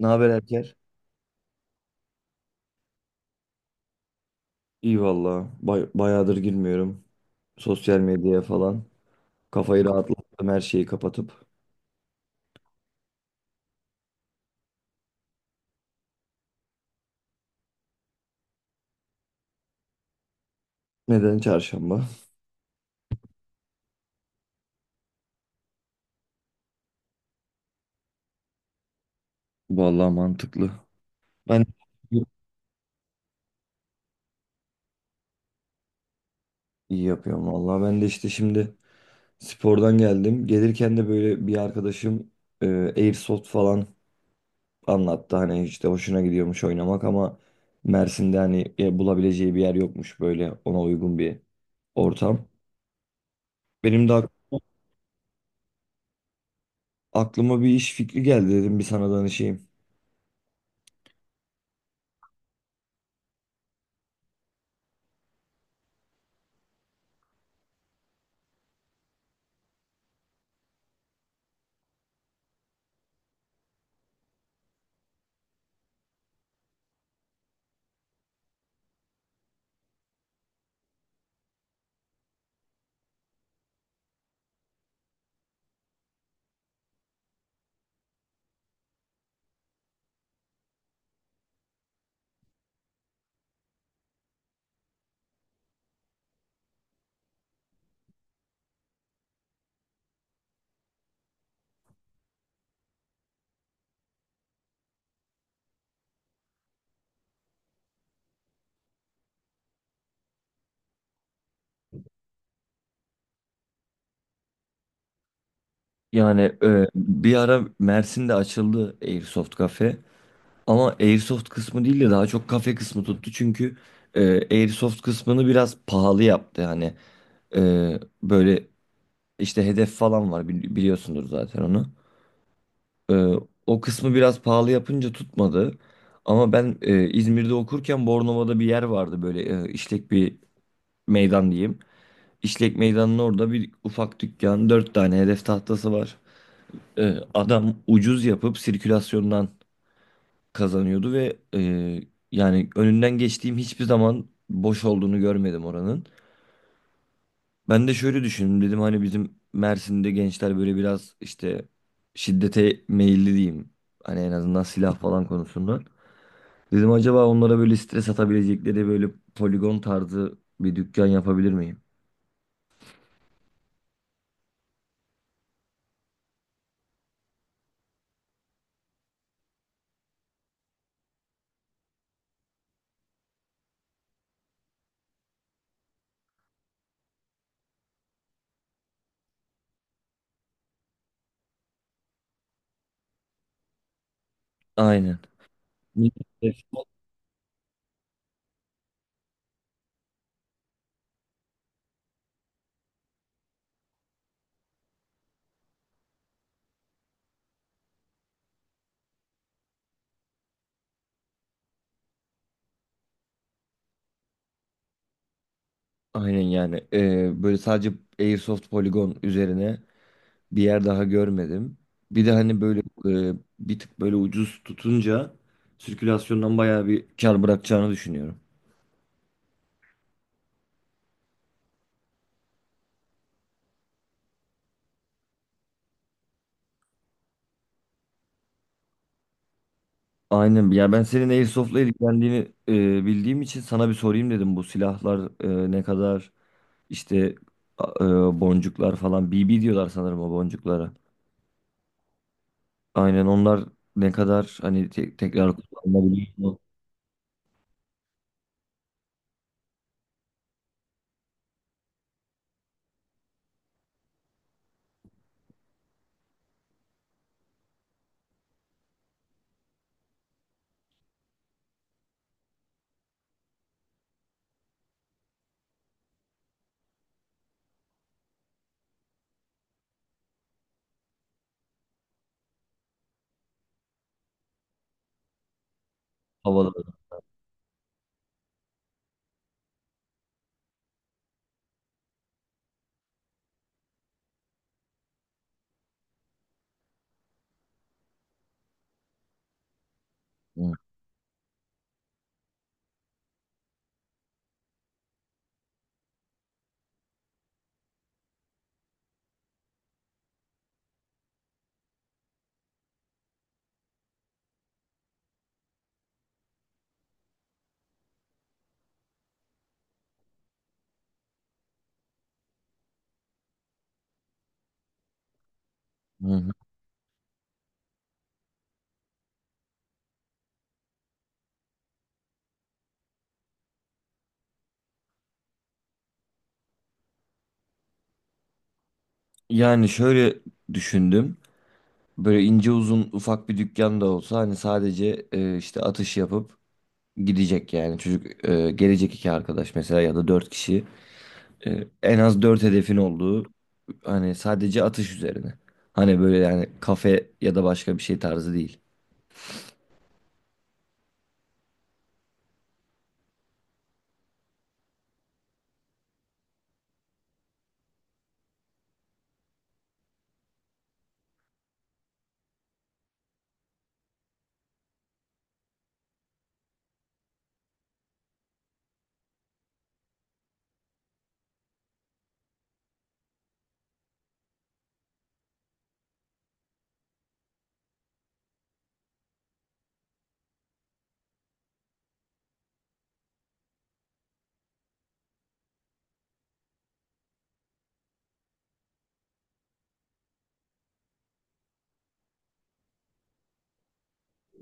Ne haber Erker? İyi valla. Bayağıdır girmiyorum. Sosyal medyaya falan. Kafayı rahatlattım her şeyi kapatıp. Neden çarşamba? Vallahi mantıklı. Ben iyi yapıyorum valla. Ben de işte şimdi spordan geldim. Gelirken de böyle bir arkadaşım e, Airsoft falan anlattı. Hani işte hoşuna gidiyormuş oynamak ama Mersin'de hani bulabileceği bir yer yokmuş böyle ona uygun bir ortam. Benim de aklıma bir iş fikri geldi dedim bir sana danışayım. Yani bir ara Mersin'de açıldı Airsoft kafe. Ama Airsoft kısmı değil de daha çok kafe kısmı tuttu. Çünkü Airsoft kısmını biraz pahalı yaptı. Hani böyle işte hedef falan var biliyorsundur zaten onu. E, O kısmı biraz pahalı yapınca tutmadı. Ama ben İzmir'de okurken Bornova'da bir yer vardı böyle işlek bir meydan diyeyim. İşlek meydanın orada bir ufak dükkan, dört tane hedef tahtası var. Adam ucuz yapıp sirkülasyondan kazanıyordu ve yani önünden geçtiğim hiçbir zaman boş olduğunu görmedim oranın. Ben de şöyle düşündüm dedim hani bizim Mersin'de gençler böyle biraz işte şiddete meyilli diyeyim. Hani en azından silah falan konusunda. Dedim acaba onlara böyle stres atabilecekleri böyle poligon tarzı bir dükkan yapabilir miyim? Aynen. Aynen yani. Böyle sadece Airsoft poligon üzerine bir yer daha görmedim. Bir de hani böyle bir tık böyle ucuz tutunca sirkülasyondan bayağı bir kar bırakacağını düşünüyorum. Aynen. Ya ben senin Airsoft'la ilgilendiğini bildiğim için sana bir sorayım dedim. Bu silahlar ne kadar işte boncuklar falan BB diyorlar sanırım o boncuklara. Aynen onlar ne kadar hani tekrar kullanılabiliyor mu havalarda? Hı hı. Yani şöyle düşündüm. Böyle ince uzun ufak bir dükkan da olsa hani sadece işte atış yapıp gidecek yani. Çocuk gelecek iki arkadaş mesela ya da dört kişi. En az dört hedefin olduğu hani sadece atış üzerine. Hani böyle yani kafe ya da başka bir şey tarzı değil.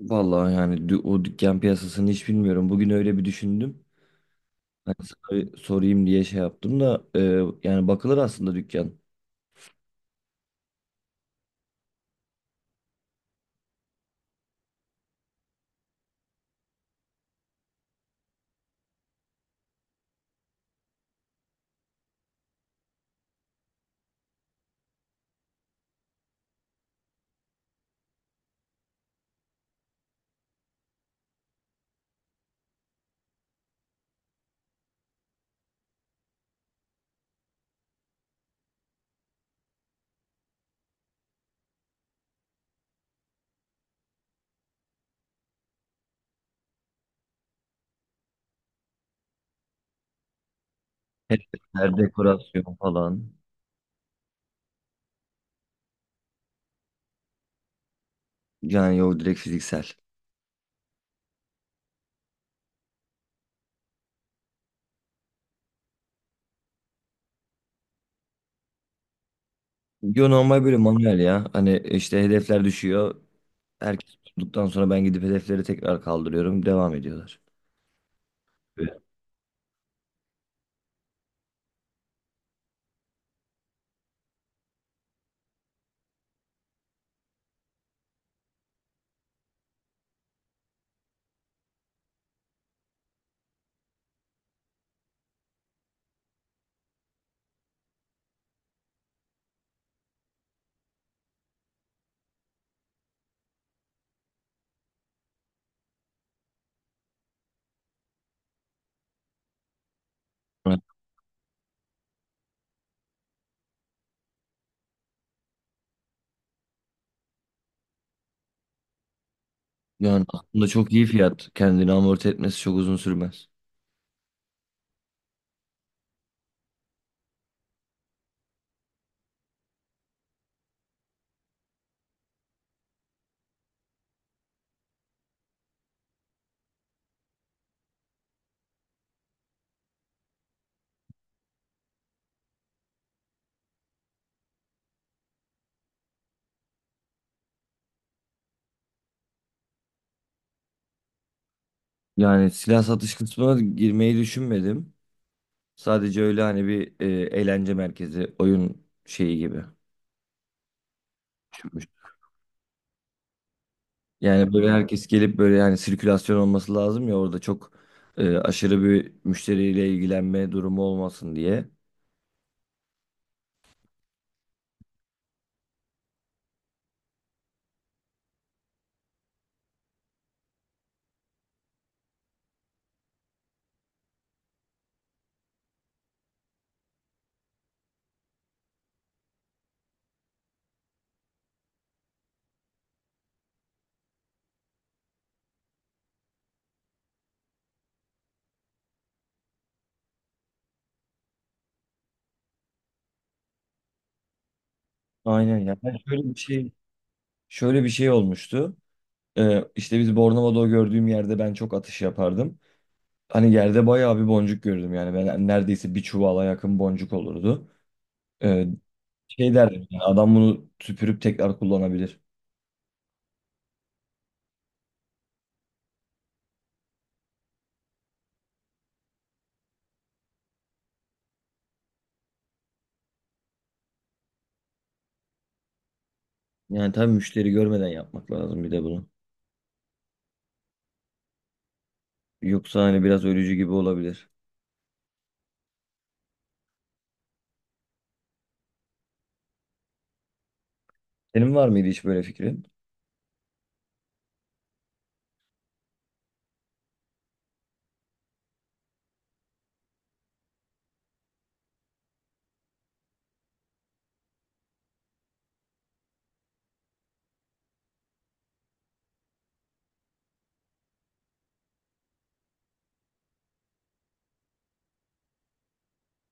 Vallahi yani o dükkan piyasasını hiç bilmiyorum. Bugün öyle bir düşündüm. Hani sana sorayım diye şey yaptım da yani bakılır aslında dükkan. Hep dekorasyon falan. Yani yok direkt fiziksel. Yo normal böyle manuel ya. Hani işte hedefler düşüyor. Herkes tuttuktan sonra ben gidip hedefleri tekrar kaldırıyorum. Devam ediyorlar. Evet. Yani aslında çok iyi fiyat. Kendini amorti etmesi çok uzun sürmez. Yani silah satış kısmına girmeyi düşünmedim. Sadece öyle hani bir eğlence merkezi, oyun şeyi gibi düşünmüştüm. Yani böyle herkes gelip böyle hani sirkülasyon olması lazım ya orada çok aşırı bir müşteriyle ilgilenme durumu olmasın diye. Aynen ya. Ben şöyle bir şey Şöyle bir şey olmuştu. İşte biz Bornova'da o gördüğüm yerde ben çok atış yapardım. Hani yerde bayağı bir boncuk gördüm yani. Ben neredeyse bir çuvala yakın boncuk olurdu. Ee, Şey derdim yani adam bunu süpürüp tekrar kullanabilir. Yani tabii müşteri görmeden yapmak lazım bir de bunu. Yoksa hani biraz ölücü gibi olabilir. Senin var mıydı hiç böyle fikrin?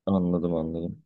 Anladım anladım.